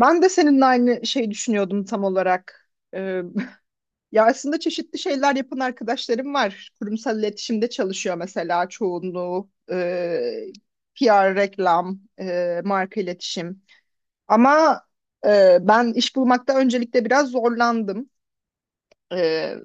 Ben de seninle aynı şey düşünüyordum tam olarak. Ya aslında çeşitli şeyler yapan arkadaşlarım var. Kurumsal iletişimde çalışıyor mesela çoğunluğu. PR, reklam, marka iletişim. Ama ben iş bulmakta öncelikle biraz zorlandım. E,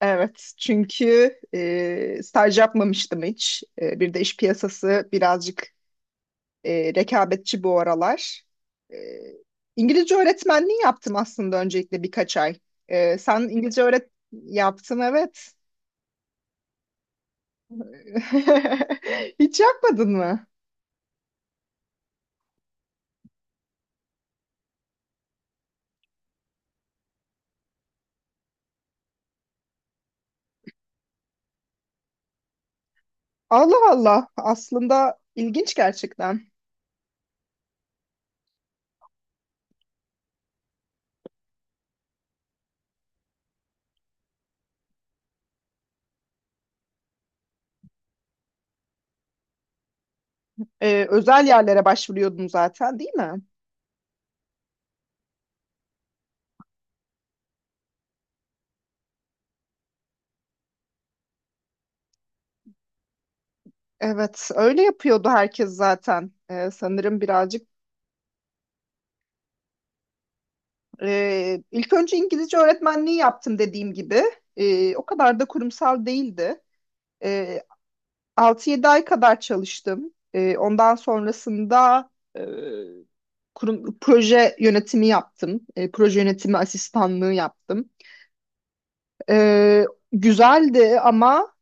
Evet, çünkü staj yapmamıştım hiç. E, bir de iş piyasası birazcık rekabetçi bu aralar. E, İngilizce öğretmenliği yaptım aslında öncelikle birkaç ay. Sen İngilizce öğret yaptın evet. Hiç yapmadın mı? Allah Allah, aslında ilginç gerçekten. Özel yerlere başvuruyordun zaten, değil mi? Evet, öyle yapıyordu herkes zaten. E, sanırım birazcık. İlk önce İngilizce öğretmenliği yaptım dediğim gibi. O kadar da kurumsal değildi. Ee, 6-7 ay kadar çalıştım. Ondan sonrasında e, kurum, proje yönetimi yaptım. Proje yönetimi asistanlığı yaptım. Ee, güzeldi ama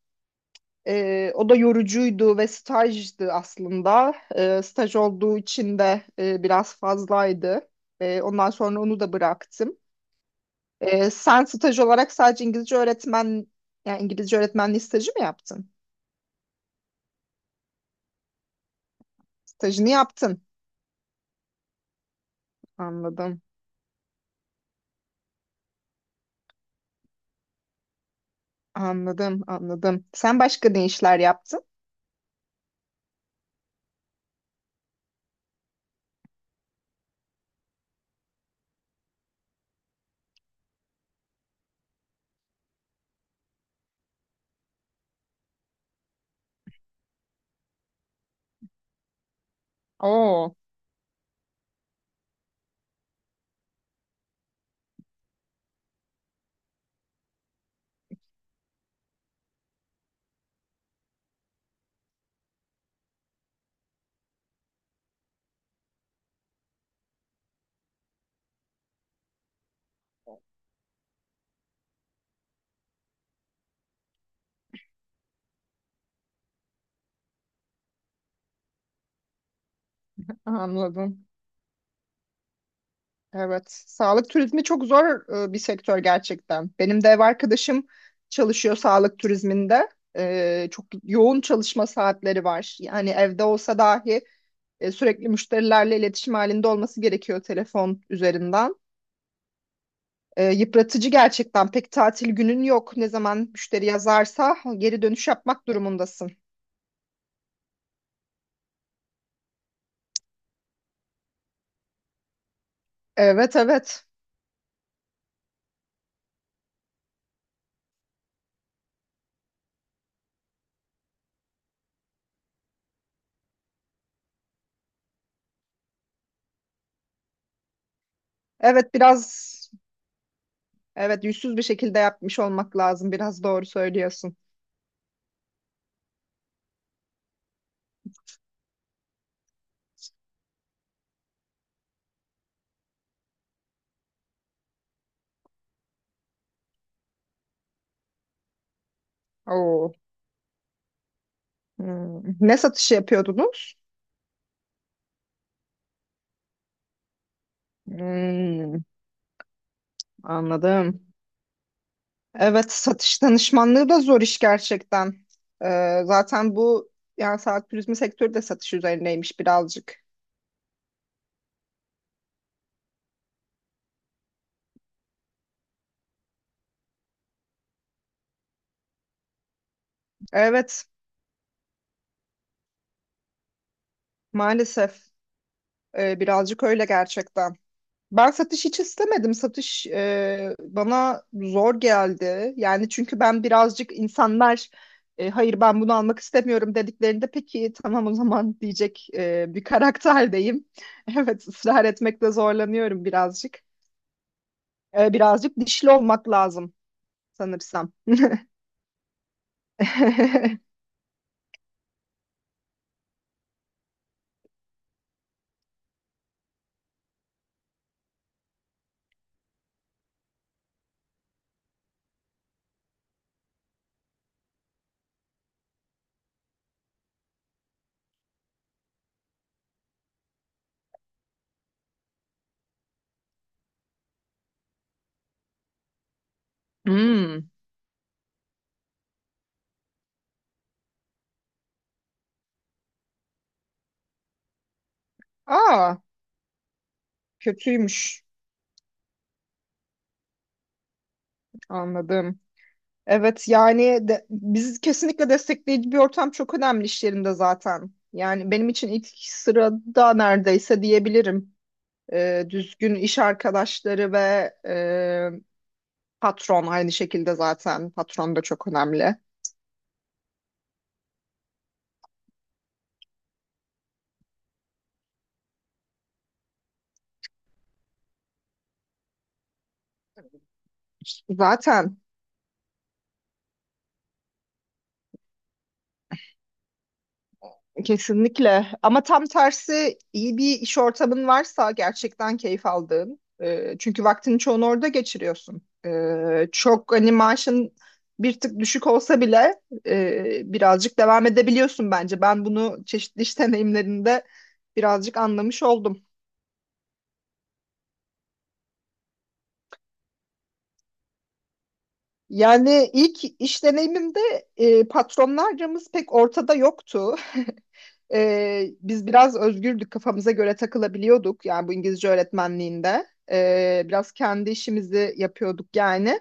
o da yorucuydu ve stajdı aslında. Staj olduğu için de biraz fazlaydı. Ondan sonra onu da bıraktım. Sen staj olarak sadece İngilizce öğretmen, yani İngilizce öğretmenliği stajı mı yaptın? Stajını yaptın. Anladım, anladım, anladım. Sen başka ne işler yaptın? Oo, anladım. Evet, sağlık turizmi çok zor bir sektör gerçekten. Benim de ev arkadaşım çalışıyor sağlık turizminde. Çok yoğun çalışma saatleri var. Yani evde olsa dahi sürekli müşterilerle iletişim halinde olması gerekiyor telefon üzerinden. Yıpratıcı gerçekten. Pek tatil günün yok. Ne zaman müşteri yazarsa geri dönüş yapmak durumundasın. Evet, evet. Evet, biraz evet yüzsüz bir şekilde yapmış olmak lazım. Biraz doğru söylüyorsun. Oo. Hmm. Ne satışı yapıyordunuz? Hmm, anladım. Evet, satış danışmanlığı da zor iş gerçekten. Zaten bu yani saat turizmi sektörü de satış üzerineymiş birazcık. Evet, maalesef birazcık öyle gerçekten. Ben satış hiç istemedim. Satış bana zor geldi. Yani çünkü ben birazcık insanlar hayır ben bunu almak istemiyorum dediklerinde peki tamam o zaman diyecek bir karakterdeyim. Evet ısrar etmekte zorlanıyorum birazcık. Birazcık dişli olmak lazım sanırsam. Hmm. Aa kötüymüş. Anladım. Evet yani de- biz kesinlikle destekleyici bir ortam çok önemli iş yerinde zaten. Yani benim için ilk sırada neredeyse diyebilirim. Düzgün iş arkadaşları ve e, patron aynı şekilde zaten. Patron da çok önemli. Zaten kesinlikle. Ama tam tersi iyi bir iş ortamın varsa gerçekten keyif aldığın. E, çünkü vaktini çoğunu orada geçiriyorsun. E, çok hani maaşın bir tık düşük olsa bile birazcık devam edebiliyorsun bence. Ben bunu çeşitli iş deneyimlerinde birazcık anlamış oldum. Yani ilk iş deneyimimde patronlarımız pek ortada yoktu. Biz biraz özgürdük, kafamıza göre takılabiliyorduk. Yani bu İngilizce öğretmenliğinde biraz kendi işimizi yapıyorduk yani.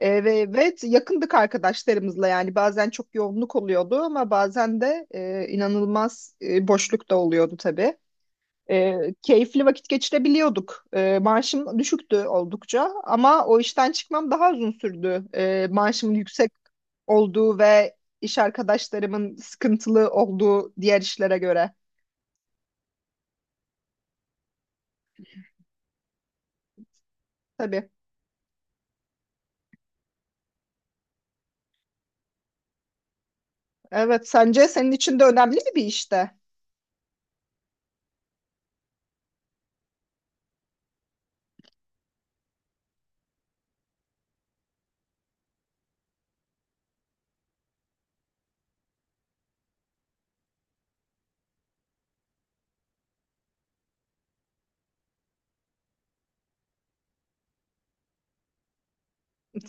Ve evet yakındık arkadaşlarımızla yani bazen çok yoğunluk oluyordu ama bazen de inanılmaz boşluk da oluyordu tabii. Keyifli vakit geçirebiliyorduk. Maaşım düşüktü oldukça ama o işten çıkmam daha uzun sürdü. Maaşım yüksek olduğu ve iş arkadaşlarımın sıkıntılı olduğu diğer işlere göre. Tabii. Evet, sence senin için de önemli mi bir işte?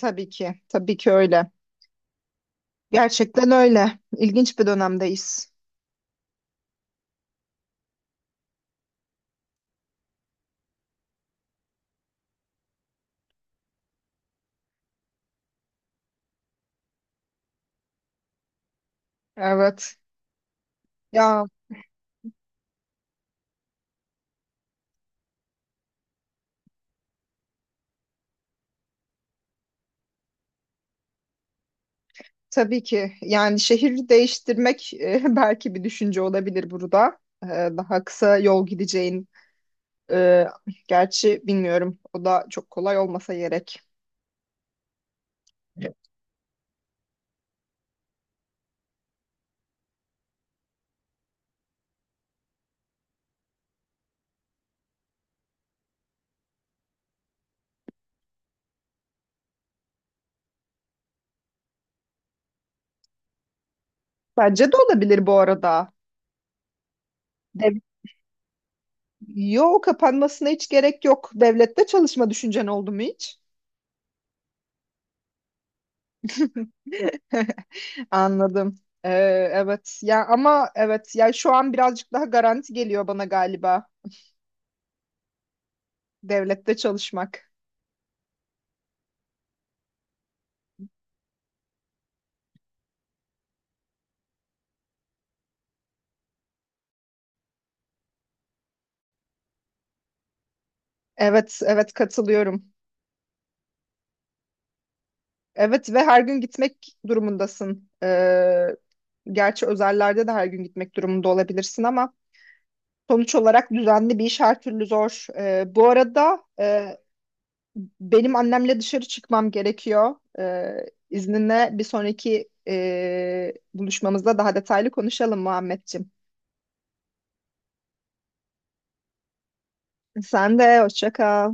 Tabii ki. Tabii ki öyle. Gerçekten öyle. İlginç bir dönemdeyiz. Evet. Ya tabii ki. Yani şehir değiştirmek belki bir düşünce olabilir burada. E, daha kısa yol gideceğin. e, gerçi bilmiyorum. O da çok kolay olmasa gerek. Bence de olabilir bu arada. Dev Yo kapanmasına hiç gerek yok. Devlette çalışma düşüncen oldu mu hiç? Anladım. Evet. Ya ama evet. Ya şu an birazcık daha garanti geliyor bana galiba devlette çalışmak. Evet, evet katılıyorum. Evet ve her gün gitmek durumundasın. Gerçi özellerde de her gün gitmek durumunda olabilirsin ama sonuç olarak düzenli bir iş her türlü zor. Bu arada benim annemle dışarı çıkmam gerekiyor. İzninle bir sonraki buluşmamızda daha detaylı konuşalım Muhammedciğim. Sen de hoşça kal.